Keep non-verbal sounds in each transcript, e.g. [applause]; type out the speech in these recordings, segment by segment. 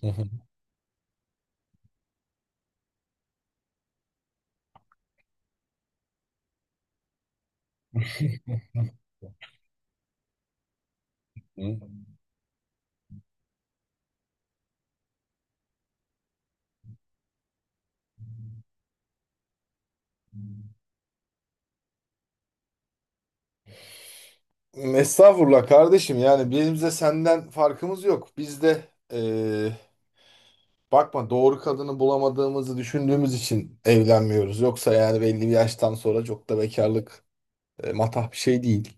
Hı hı. Hı. Estağfurullah kardeşim, yani bizim de senden farkımız yok. Biz de eee, bakma, doğru kadını bulamadığımızı düşündüğümüz için evlenmiyoruz. Yoksa yani belli bir yaştan sonra çok da bekarlık matah bir şey değil.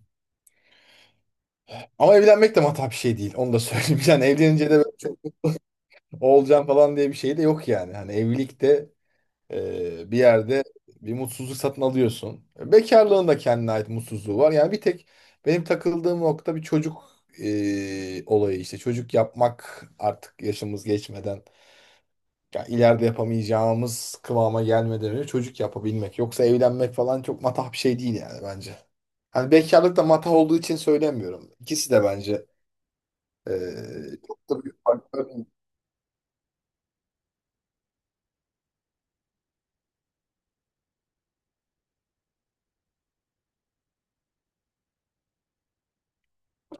Ama evlenmek de matah bir şey değil. Onu da söyleyeyim. [laughs] Yani evlenince de böyle çok olacağım falan diye bir şey de yok yani. Hani evlilik de, bir yerde bir mutsuzluk satın alıyorsun. Bekarlığın da kendine ait mutsuzluğu var. Yani bir tek benim takıldığım nokta bir çocuk olayı işte. Çocuk yapmak artık yaşımız geçmeden, ya ileride yapamayacağımız kıvama gelmeden önce çocuk yapabilmek. Yoksa evlenmek falan çok matah bir şey değil yani bence. Hani bekarlık da matah olduğu için söylemiyorum. İkisi de bence ee, çok da büyük farklar değil.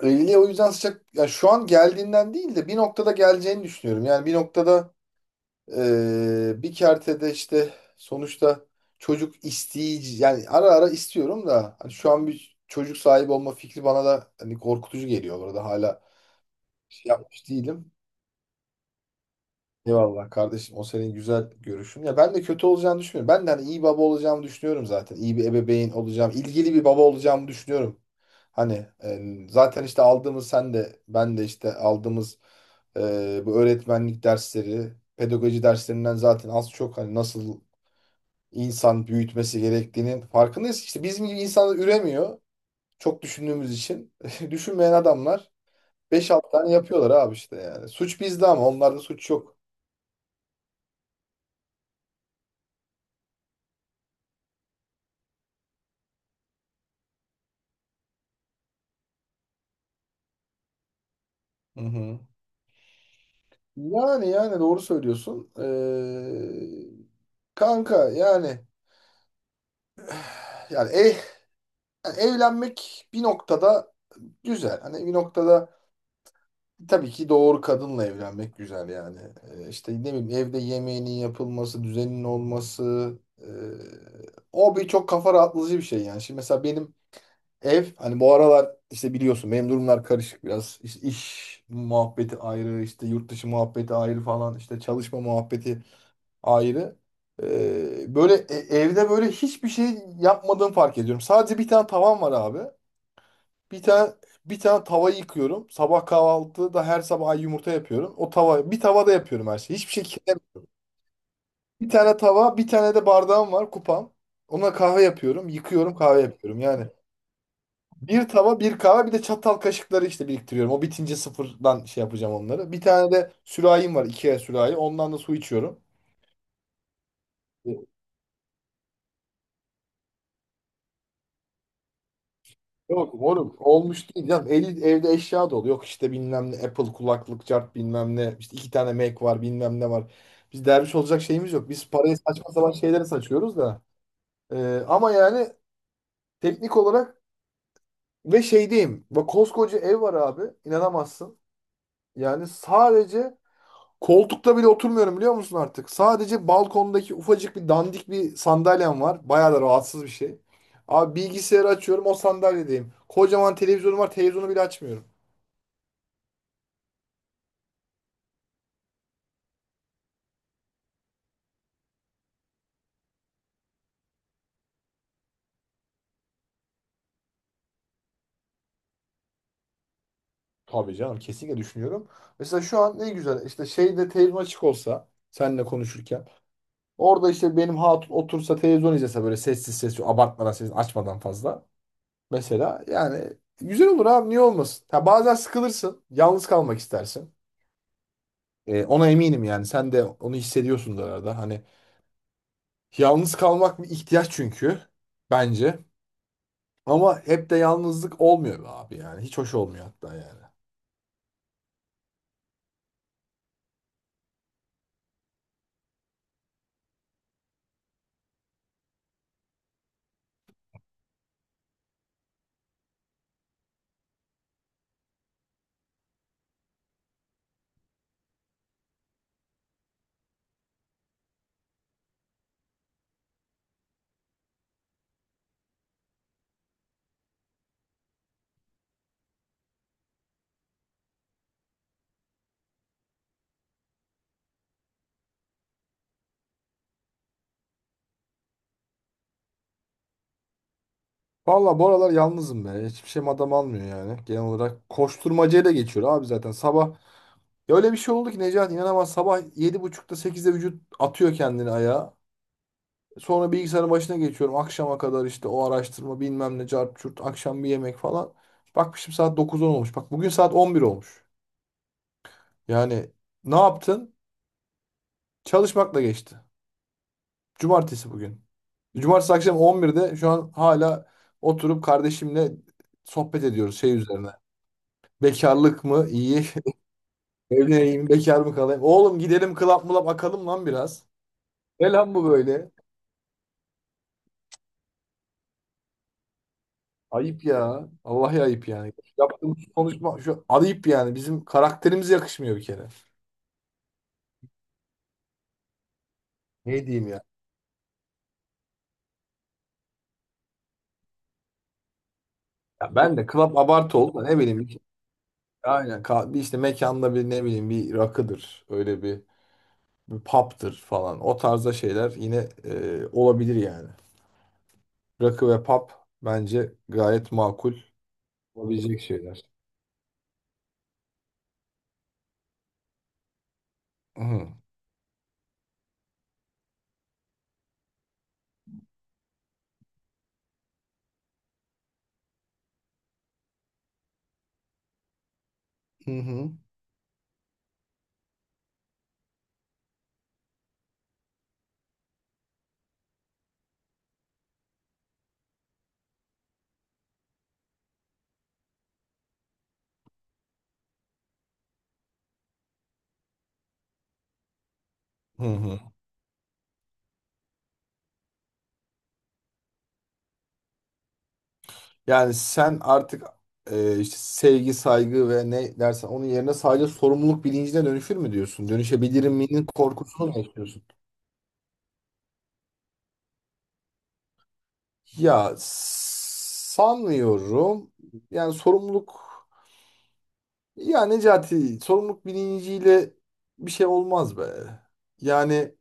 Evliliğe o yüzden sıcak, ya şu an geldiğinden değil de bir noktada geleceğini düşünüyorum. Yani bir noktada, bir kertede işte sonuçta çocuk isteyici, yani ara ara istiyorum da hani şu an bir çocuk sahibi olma fikri bana da hani korkutucu geliyor, orada hala şey yapmış değilim. Eyvallah kardeşim, o senin güzel görüşün. Ya ben de kötü olacağını düşünmüyorum. Ben de hani iyi baba olacağımı düşünüyorum zaten. İyi bir ebeveyn olacağım. İlgili bir baba olacağımı düşünüyorum. Hani zaten işte aldığımız, sen de ben de işte aldığımız bu öğretmenlik dersleri, pedagoji derslerinden zaten az çok hani nasıl insan büyütmesi gerektiğinin farkındayız. İşte bizim gibi insanlar üremiyor. Çok düşündüğümüz için. [laughs] Düşünmeyen adamlar beş 6 tane yapıyorlar abi işte yani. Suç bizde, ama onlarda suç yok. Hı hı. Yani doğru söylüyorsun. Kanka, yani, ev, yani evlenmek bir noktada güzel. Hani bir noktada, tabii ki doğru kadınla evlenmek güzel yani. İşte ne bileyim, evde yemeğinin yapılması, düzenin olması. e, O bir çok kafa rahatlatıcı bir şey yani. Şimdi mesela benim ev, hani bu aralar işte biliyorsun benim durumlar karışık biraz. İşte iş muhabbeti ayrı, işte yurt dışı muhabbeti ayrı falan, işte çalışma muhabbeti ayrı. Böyle evde böyle hiçbir şey yapmadığımı fark ediyorum. Sadece bir tane tavan var abi. Bir tane bir tane tava yıkıyorum. Sabah kahvaltıda her sabah yumurta yapıyorum. O tava, bir tavada yapıyorum her şeyi. Hiçbir şey. Bir tane tava, bir tane de bardağım var, kupam. Ona kahve yapıyorum, yıkıyorum, kahve yapıyorum. Yani bir tava, bir kahve, bir de çatal kaşıkları işte biriktiriyorum. O bitince sıfırdan şey yapacağım onları. Bir tane de sürahim var, Ikea sürahi. Ondan da su içiyorum. Yok moruk, olmuş değil canım. 50 evde eşya dolu. Yok işte, bilmem ne Apple kulaklık, cart bilmem ne. İşte iki tane Mac var, bilmem ne var. Biz derviş olacak şeyimiz yok. Biz parayı saçma sapan şeylere saçıyoruz da. Ama yani teknik olarak ve şey diyeyim, bak koskoca ev var abi. İnanamazsın. Yani sadece koltukta bile oturmuyorum, biliyor musun artık? Sadece balkondaki ufacık bir dandik bir sandalyem var. Bayağı da rahatsız bir şey. Abi bilgisayarı açıyorum, o sandalyedeyim. Kocaman televizyonum var, televizyonu bile açmıyorum. Tabii canım, kesinlikle düşünüyorum. Mesela şu an ne güzel, işte şeyde, televizyon açık olsa seninle konuşurken, orada işte benim hatun otursa, televizyon izlese böyle sessiz sessiz, abartmadan, sessiz, açmadan fazla. Mesela yani güzel olur abi, niye olmasın? Ha, bazen sıkılırsın, yalnız kalmak istersin. Ona eminim yani, sen de onu hissediyorsundur arada. Hani yalnız kalmak bir ihtiyaç çünkü, bence. Ama hep de yalnızlık olmuyor be abi, yani hiç hoş olmuyor hatta yani. Valla bu aralar yalnızım be. Hiçbir şeyim adam almıyor yani. Genel olarak koşturmacayla geçiyor abi zaten. Sabah, ya öyle bir şey oldu ki Necati inanamaz. Sabah yedi buçukta 8'de vücut atıyor kendini ayağa. Sonra bilgisayarın başına geçiyorum. Akşama kadar işte o araştırma, bilmem ne, cart curt. Akşam bir yemek falan. Bakmışım saat dokuz 10 olmuş. Bak bugün saat 11 olmuş. Yani ne yaptın? Çalışmakla geçti. Cumartesi bugün. Cumartesi akşam 11'de şu an hala oturup kardeşimle sohbet ediyoruz şey üzerine. Bekarlık mı? İyi. [laughs] Evleneyim, bekar mı kalayım? Oğlum gidelim club mulap akalım lan biraz. Ne lan bu böyle? Ayıp ya. Vallahi ayıp yani. Yaptığımız konuşma şu, ayıp yani. Bizim karakterimize yakışmıyor bir kere. Ne diyeyim ya? Ya ben de club abartı oldu da ne bileyim. Aynen. Bir işte mekanda bir ne bileyim bir rakıdır. Öyle bir pub'dır falan. O tarzda şeyler yine olabilir yani. Rakı ve pub bence gayet makul olabilecek şeyler. Hı hı. Hı hı. Hı hı. Yani sen artık işte sevgi, saygı ve ne dersen onun yerine sadece sorumluluk bilincine dönüşür mü diyorsun? Dönüşebilir miyinin korkusunu mu yaşıyorsun? Ya sanmıyorum. Yani sorumluluk, ya Necati, sorumluluk bilinciyle bir şey olmaz be. Yani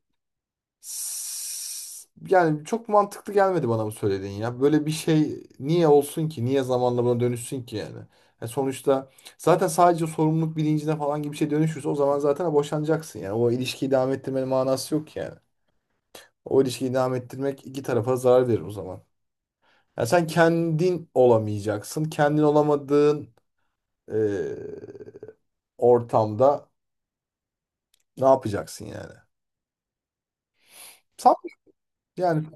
Yani çok mantıklı gelmedi bana bu söylediğin ya. Böyle bir şey niye olsun ki? Niye zamanla buna dönüşsün ki yani? Ya sonuçta zaten sadece sorumluluk bilincine falan gibi bir şey dönüşürse o zaman zaten boşanacaksın. Yani o ilişkiyi devam ettirmenin manası yok ki yani. O ilişkiyi devam ettirmek iki tarafa zarar verir o zaman. Ya sen kendin olamayacaksın. Kendin olamadığın eee, ortamda ne yapacaksın yani? Sanmıyorum. Yani,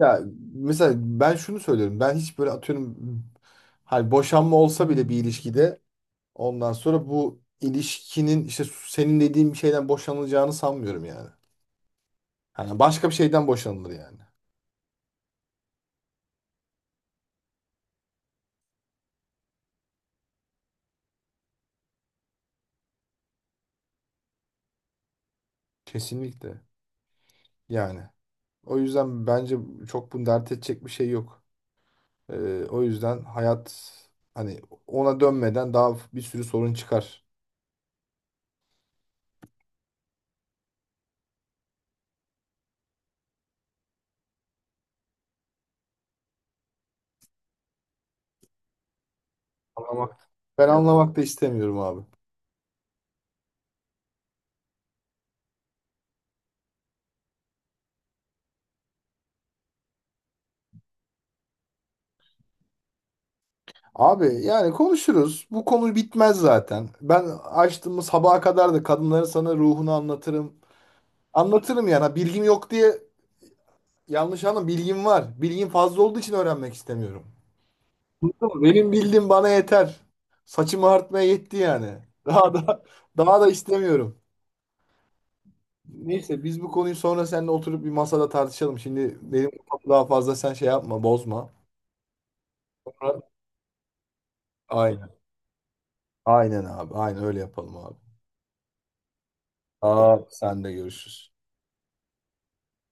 ya mesela ben şunu söylüyorum. Ben hiç böyle atıyorum, hani boşanma olsa bile bir ilişkide ondan sonra bu ilişkinin, işte senin dediğin bir şeyden boşanılacağını sanmıyorum yani. Hani başka bir şeyden boşanılır yani. Kesinlikle. Yani. O yüzden bence çok bunu dert edecek bir şey yok. O yüzden hayat, hani ona dönmeden daha bir sürü sorun çıkar. Anlamak. Ben, evet, anlamak da istemiyorum abi. Abi yani konuşuruz. Bu konu bitmez zaten. Ben, açtığımız sabaha kadar da kadınların sana ruhunu anlatırım. Anlatırım yani. Ha, bilgim yok diye yanlış anlama. Bilgim var. Bilgim fazla olduğu için öğrenmek istemiyorum. Anladın mı? Benim bildiğim bana yeter. Saçımı artmaya yetti yani. Daha da daha da istemiyorum. Neyse, biz bu konuyu sonra seninle oturup bir masada tartışalım. Şimdi benim kafamı daha fazla sen şey yapma, bozma. Sonra- Aynen. Aynen abi. Aynen öyle yapalım abi. Aa, sen de görüşürüz.